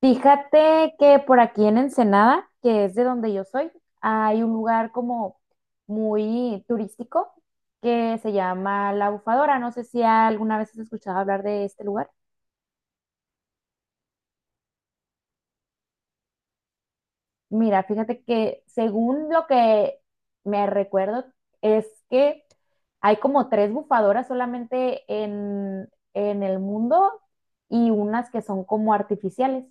Fíjate que por aquí en Ensenada, que es de donde yo soy, hay un lugar como muy turístico que se llama La Bufadora. No sé si alguna vez has escuchado hablar de este lugar. Mira, fíjate que según lo que me recuerdo es que hay como tres bufadoras solamente en el mundo y unas que son como artificiales.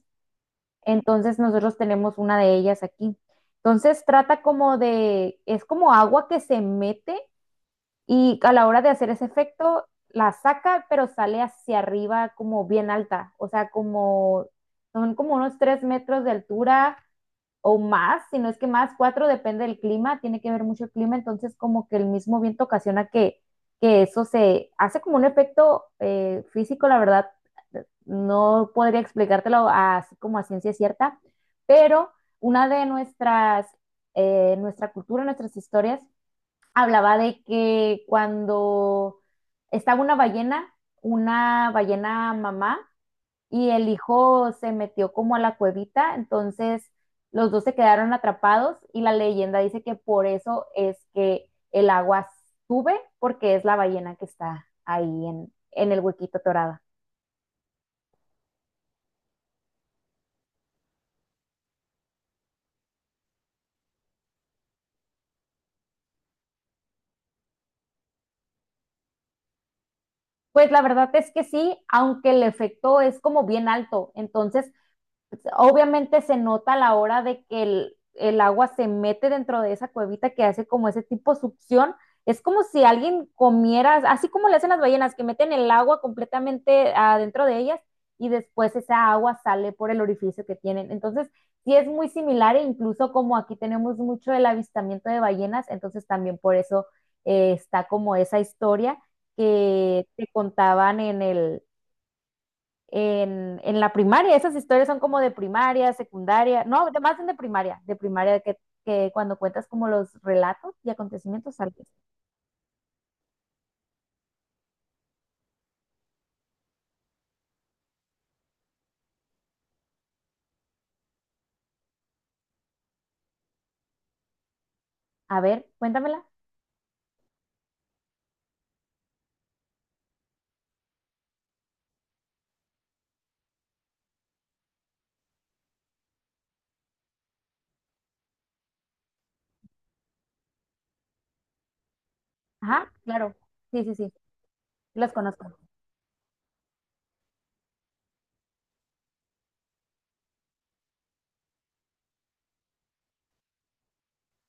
Entonces nosotros tenemos una de ellas aquí. Entonces trata como de, es como agua que se mete y a la hora de hacer ese efecto la saca, pero sale hacia arriba como bien alta, o sea, como son como unos 3 metros de altura o más, si no es que más, cuatro depende del clima, tiene que ver mucho el clima, entonces como que el mismo viento ocasiona que eso se hace como un efecto físico, la verdad, no podría explicártelo así como a ciencia cierta, pero una de nuestras, nuestra cultura, nuestras historias, hablaba de que cuando estaba una ballena mamá y el hijo se metió como a la cuevita, entonces los dos se quedaron atrapados y la leyenda dice que por eso es que el agua sube, porque es la ballena que está ahí en el huequito torada. Pues la verdad es que sí, aunque el efecto es como bien alto, entonces obviamente se nota a la hora de que el agua se mete dentro de esa cuevita que hace como ese tipo de succión. Es como si alguien comiera, así como le hacen las ballenas, que meten el agua completamente adentro de ellas y después esa agua sale por el orificio que tienen. Entonces, sí es muy similar e incluso como aquí tenemos mucho el avistamiento de ballenas, entonces también por eso está como esa historia que te contaban en el, en la primaria. Esas historias son como de primaria, secundaria, no, de, más de primaria que cuando cuentas como los relatos y acontecimientos sales. A ver, cuéntamela. Ajá, claro. Sí, sí, sí, las conozco.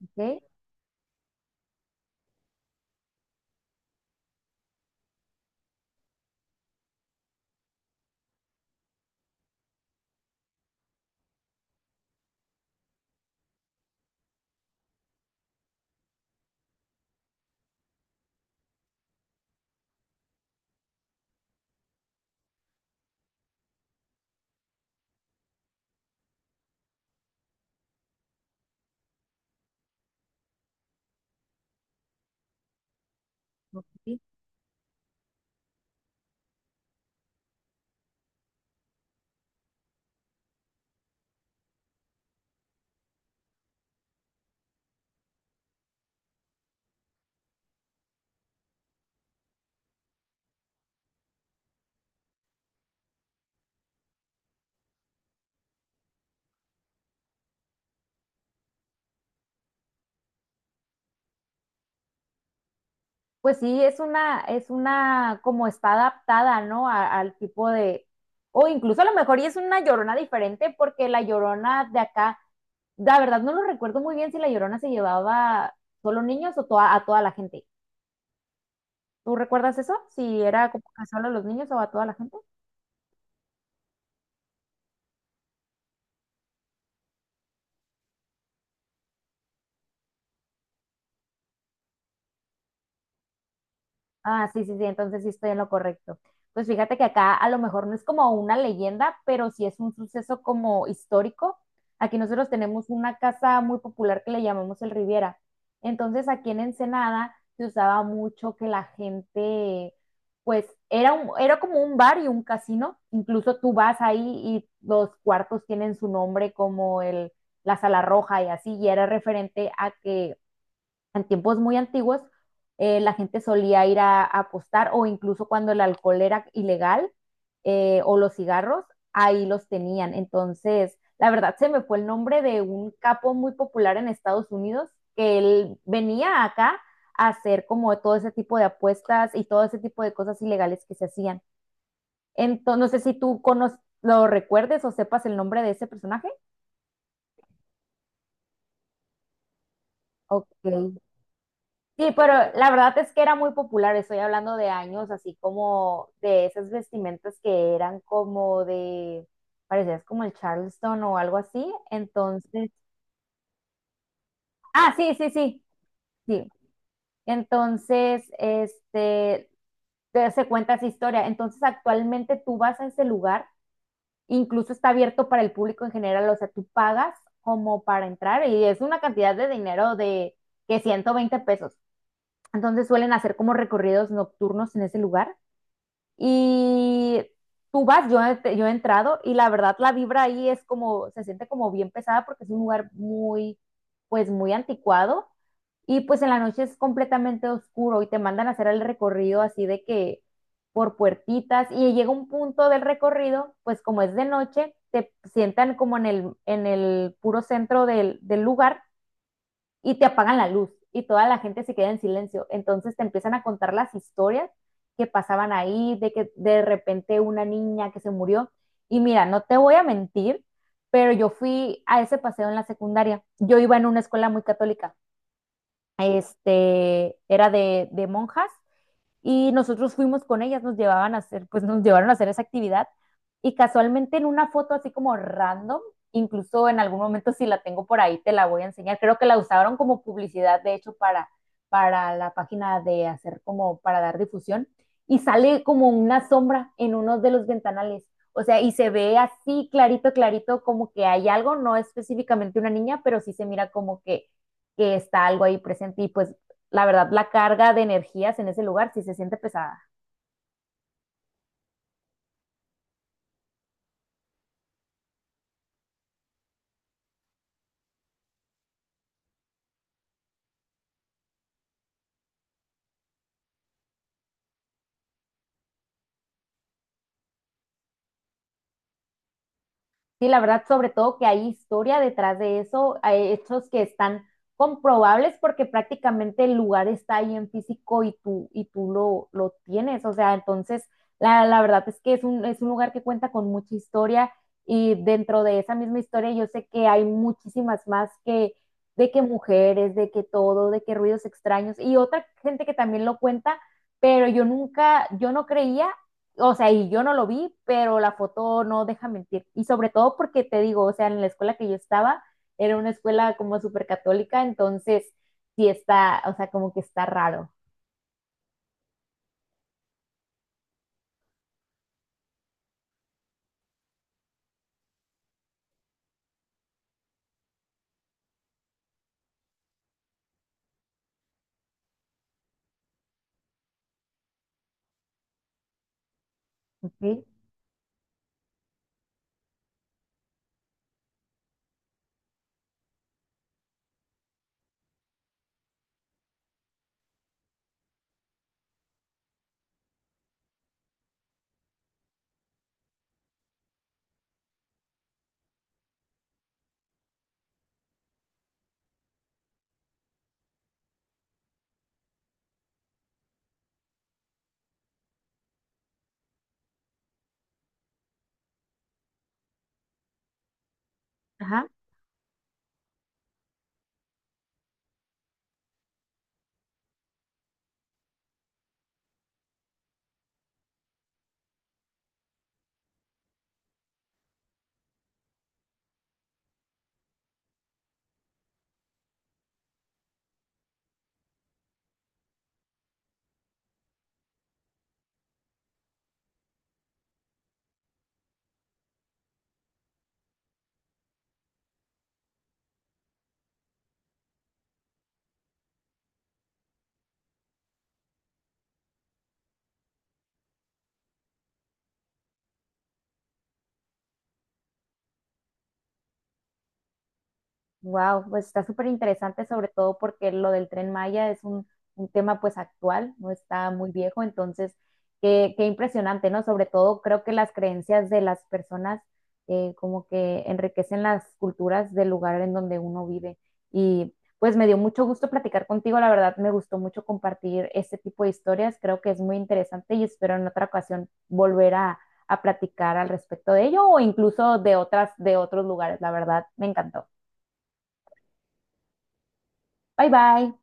Ok, ok, sí. Pues sí, es una, como está adaptada, ¿no? A- al tipo de, o incluso a lo mejor y es una llorona diferente, porque la llorona de acá, la verdad no lo recuerdo muy bien si la llorona se llevaba solo niños o toa- a toda la gente. ¿Tú recuerdas eso? Si era como que solo a los niños o a toda la gente. Ah, sí, sí, sí, entonces sí estoy en lo correcto. Pues fíjate que acá a lo mejor no es como una leyenda, pero sí es un suceso como histórico. Aquí nosotros tenemos una casa muy popular que le llamamos el Riviera. Entonces aquí en Ensenada se usaba mucho que la gente, pues era un, era como un bar y un casino. Incluso tú vas ahí y los cuartos tienen su nombre como el, la Sala Roja y así, y era referente a que en tiempos muy antiguos, la gente solía ir a apostar o incluso cuando el alcohol era ilegal o los cigarros, ahí los tenían. Entonces, la verdad se me fue el nombre de un capo muy popular en Estados Unidos que él venía acá a hacer como todo ese tipo de apuestas y todo ese tipo de cosas ilegales que se hacían. Entonces, no sé si tú conoces, lo recuerdes o sepas el nombre de ese personaje. Ok. Sí, pero la verdad es que era muy popular, estoy hablando de años, así como de esas vestimentas que eran como de, parecías como el Charleston o algo así, entonces, ah, sí, sí, sí, sí, entonces, este, se cuenta esa historia, entonces actualmente tú vas a ese lugar, incluso está abierto para el público en general, o sea, tú pagas como para entrar y es una cantidad de dinero de que 120 pesos, entonces suelen hacer como recorridos nocturnos en ese lugar. Y tú vas, yo he entrado y la verdad la vibra ahí es como, se siente como bien pesada porque es un lugar muy, pues muy anticuado. Y pues en la noche es completamente oscuro y te mandan a hacer el recorrido así de que por puertitas y llega un punto del recorrido, pues como es de noche, te sientan como en el puro centro del, del lugar y te apagan la luz y toda la gente se queda en silencio. Entonces te empiezan a contar las historias que pasaban ahí, de que de repente una niña que se murió. Y mira, no te voy a mentir, pero yo fui a ese paseo en la secundaria. Yo iba en una escuela muy católica, este, era de monjas y nosotros fuimos con ellas, nos llevaban a hacer, pues nos llevaron a hacer esa actividad y casualmente en una foto así como random, incluso en algún momento si la tengo por ahí te la voy a enseñar, creo que la usaron como publicidad de hecho para la página de hacer como para dar difusión y sale como una sombra en uno de los ventanales. O sea, y se ve así clarito, clarito, como que hay algo, no específicamente una niña, pero sí se mira como que está algo ahí presente. Y pues la verdad, la carga de energías en ese lugar sí se siente pesada. Sí, la verdad, sobre todo que hay historia detrás de eso, hay hechos que están comprobables porque prácticamente el lugar está ahí en físico y tú lo tienes. O sea, entonces, la verdad es que es un lugar que cuenta con mucha historia y dentro de esa misma historia yo sé que hay muchísimas más que de que mujeres, de que todo, de que ruidos extraños y otra gente que también lo cuenta, pero yo nunca, yo no creía, o sea, y yo no lo vi, pero la foto no deja mentir. Y sobre todo porque te digo, o sea, en la escuela que yo estaba, era una escuela como súper católica, entonces sí está, o sea, como que está raro. ¿Sí? Ajá. Wow, pues está súper interesante, sobre todo porque lo del Tren Maya es un tema pues actual, no está muy viejo, entonces qué, qué impresionante, ¿no? Sobre todo creo que las creencias de las personas como que enriquecen las culturas del lugar en donde uno vive. Y pues me dio mucho gusto platicar contigo, la verdad me gustó mucho compartir este tipo de historias, creo que es muy interesante y espero en otra ocasión volver a platicar al respecto de ello o incluso de otras, de otros lugares, la verdad me encantó. Bye bye.